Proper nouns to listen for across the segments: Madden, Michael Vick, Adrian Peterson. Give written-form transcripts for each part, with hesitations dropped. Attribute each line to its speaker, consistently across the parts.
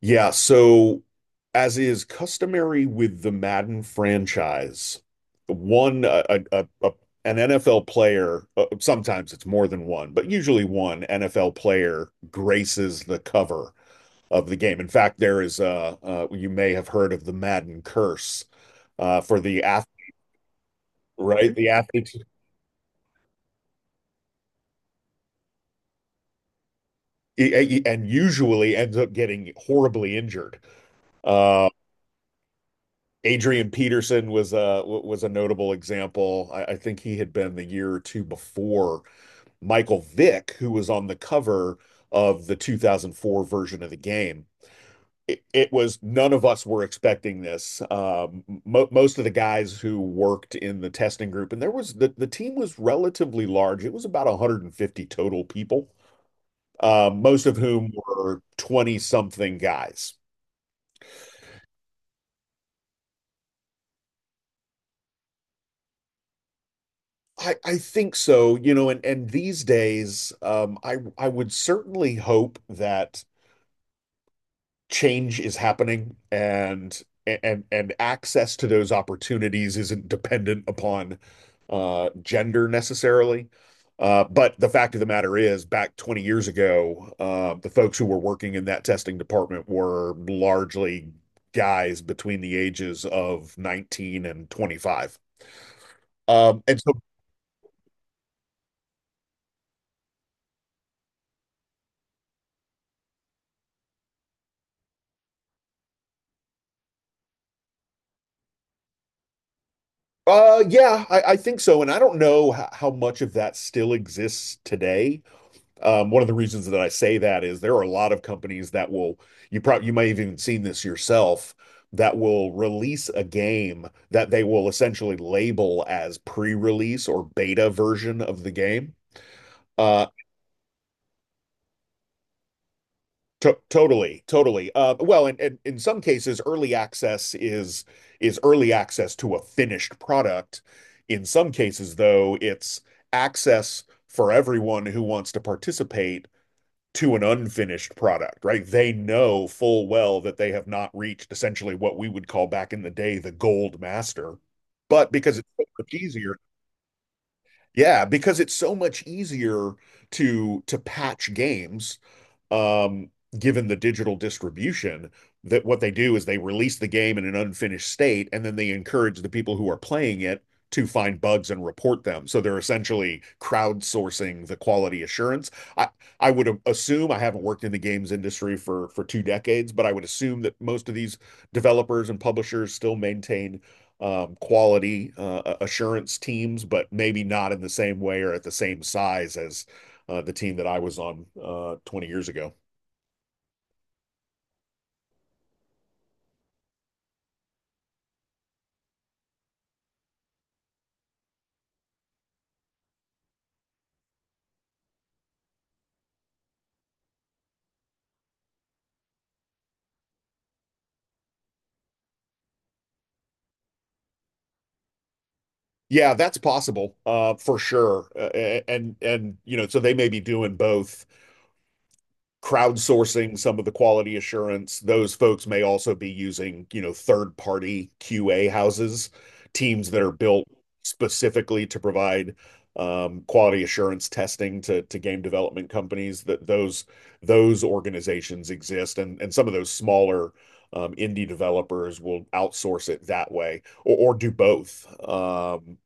Speaker 1: Yeah, so as is customary with the Madden franchise, one a- an NFL player, sometimes it's more than one, but usually one NFL player graces the cover of the game. In fact, there is you may have heard of the Madden curse for the athlete, right? The athlete and usually ends up getting horribly injured. Uh Adrian Peterson was a notable example. I think he had been the year or two before Michael Vick, who was on the cover of the 2004 version of the game. It was None of us were expecting this. Mo Most of the guys who worked in the testing group, and the team was relatively large. It was about 150 total people, most of whom were 20 something guys. I think so, you know, and these days, I would certainly hope that change is happening and access to those opportunities isn't dependent upon gender necessarily. But the fact of the matter is, back 20 years ago, the folks who were working in that testing department were largely guys between the ages of 19 and 25. And so, yeah, I think so. And I don't know how much of that still exists today. One of the reasons that I say that is there are a lot of companies that will, you might have even seen this yourself, that will release a game that they will essentially label as pre-release or beta version of the game. Uh, to Totally, totally. Well, and in some cases, early access is early access to a finished product. In some cases, though, it's access for everyone who wants to participate to an unfinished product, right? They know full well that they have not reached essentially what we would call back in the day the gold master. But because it's so much easier, yeah, because it's so much easier to patch games, um, given the digital distribution, that what they do is they release the game in an unfinished state, and then they encourage the people who are playing it to find bugs and report them. So they're essentially crowdsourcing the quality assurance. I, I would assume I haven't worked in the games industry for two decades, but I would assume that most of these developers and publishers still maintain quality assurance teams, but maybe not in the same way or at the same size as the team that I was on 20 years ago. Yeah, that's possible, for sure. And you know, so they may be doing both crowdsourcing some of the quality assurance. Those folks may also be using, you know, third-party QA houses, teams that are built specifically to provide quality assurance testing to game development companies. That Those organizations exist, and some of those smaller indie developers will outsource it that way, or do both.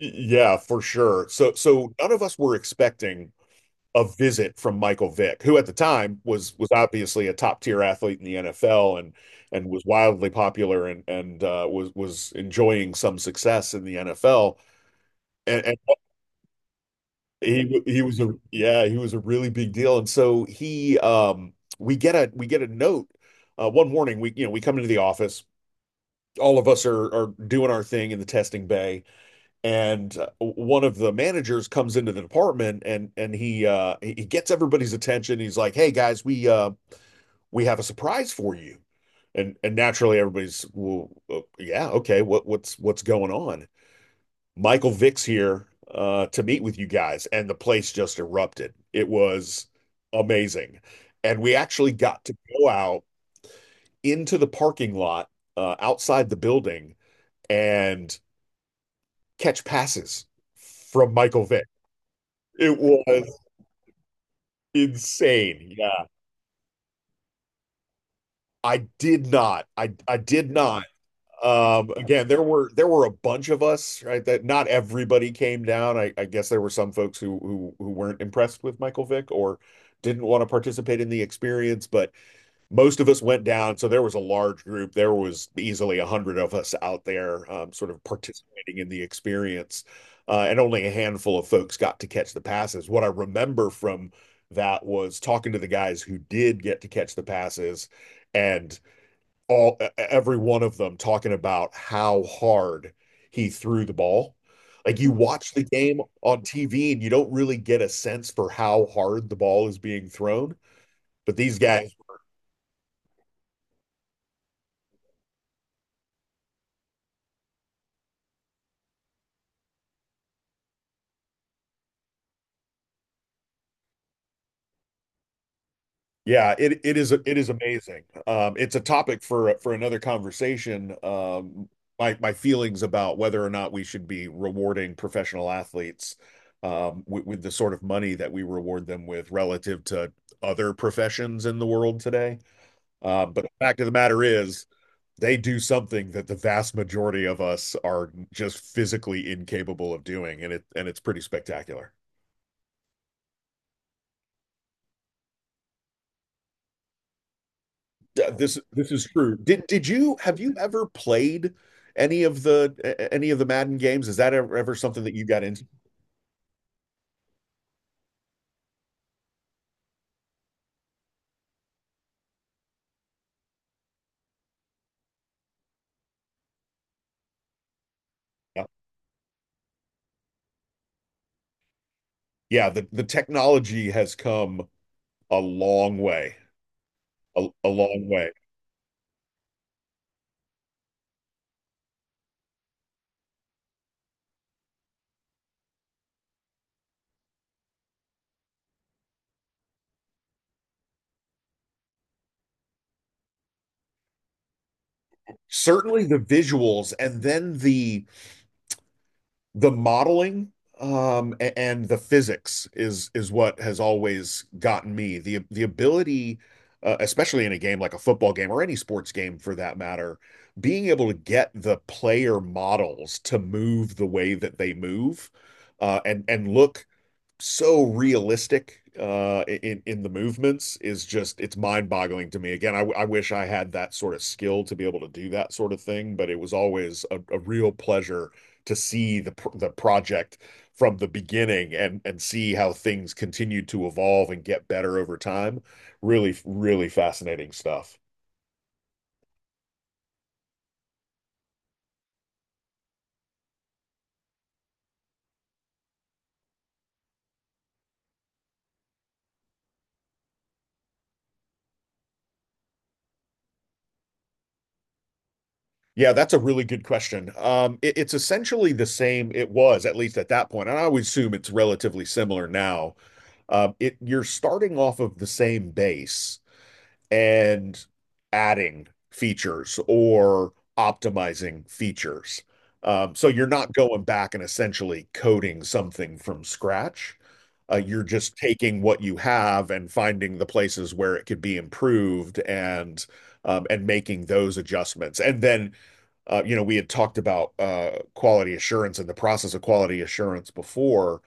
Speaker 1: Yeah, for sure. So none of us were expecting a visit from Michael Vick, who at the time was obviously a top tier athlete in the NFL and was wildly popular and was enjoying some success in the NFL. And he was a, yeah, he was a really big deal. And so he we get a note, one morning. We, you know, we come into the office, all of us are doing our thing in the testing bay, and one of the managers comes into the department, and he gets everybody's attention. He's like, hey guys, we have a surprise for you. And naturally everybody's, well, yeah, okay, what's going on? Michael Vick's here to meet with you guys. And the place just erupted. It was amazing. And we actually got to go out into the parking lot outside the building and catch passes from Michael Vick. It was insane. Yeah. I did not. I did not. Again, there were a bunch of us, right? That Not everybody came down. I guess there were some folks who weren't impressed with Michael Vick or didn't want to participate in the experience, but most of us went down, so there was a large group. There was easily a hundred of us out there, sort of participating in the experience, and only a handful of folks got to catch the passes. What I remember from that was talking to the guys who did get to catch the passes, and all every one of them talking about how hard he threw the ball. Like you watch the game on TV and you don't really get a sense for how hard the ball is being thrown, but these guys. Yeah, it is amazing. It's a topic for another conversation. My my feelings about whether or not we should be rewarding professional athletes with the sort of money that we reward them with relative to other professions in the world today. But the fact of the matter is, they do something that the vast majority of us are just physically incapable of doing, and it's pretty spectacular. Yeah, this is true. Did you have you ever played any of the any of the Madden games? Is that ever, ever something that you got into? Yeah, yeah. The technology has come a long way, a long way. Certainly the visuals, and then the modeling, and the physics is what has always gotten me. The ability, especially in a game like a football game or any sports game for that matter, being able to get the player models to move the way that they move, and look so realistic in the movements, is just it's mind-boggling to me. Again, I wish I had that sort of skill to be able to do that sort of thing, but it was always a real pleasure to see the project from the beginning, and see how things continued to evolve and get better over time. Really really fascinating stuff. Yeah, that's a really good question. It's essentially the same it was, at least at that point, and I would assume it's relatively similar now. It You're starting off of the same base, and adding features or optimizing features. So you're not going back and essentially coding something from scratch. You're just taking what you have and finding the places where it could be improved, and making those adjustments. And then, you know, we had talked about quality assurance and the process of quality assurance before.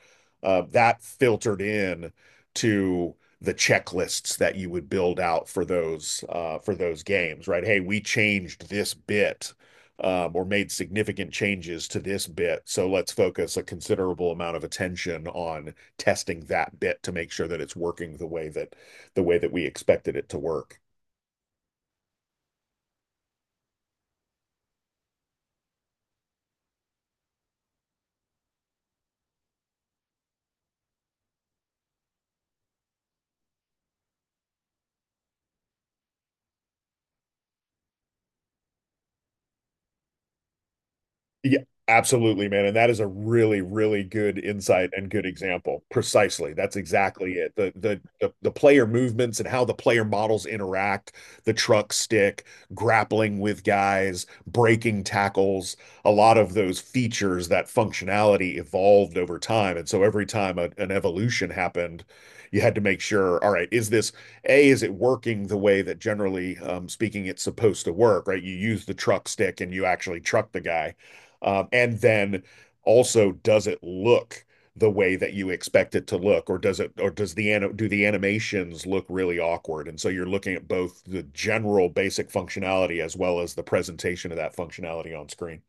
Speaker 1: That filtered in to the checklists that you would build out for those games, right? Hey, we changed this bit, or made significant changes to this bit, so let's focus a considerable amount of attention on testing that bit, to make sure that it's working the way that we expected it to work. Yeah, absolutely, man. And that is a really, really good insight and good example. Precisely. That's exactly it. The player movements and how the player models interact, the truck stick, grappling with guys, breaking tackles, a lot of those features, that functionality evolved over time. And so every time an evolution happened, you had to make sure, all right, is this is it working the way that generally speaking it's supposed to work, right? You use the truck stick and you actually truck the guy, and then also, does it look the way that you expect it to look, or does it, or does the ano do the animations look really awkward? And so you're looking at both the general basic functionality as well as the presentation of that functionality on screen.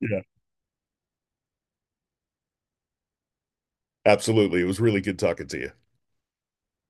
Speaker 1: Yeah, absolutely. It was really good talking to you.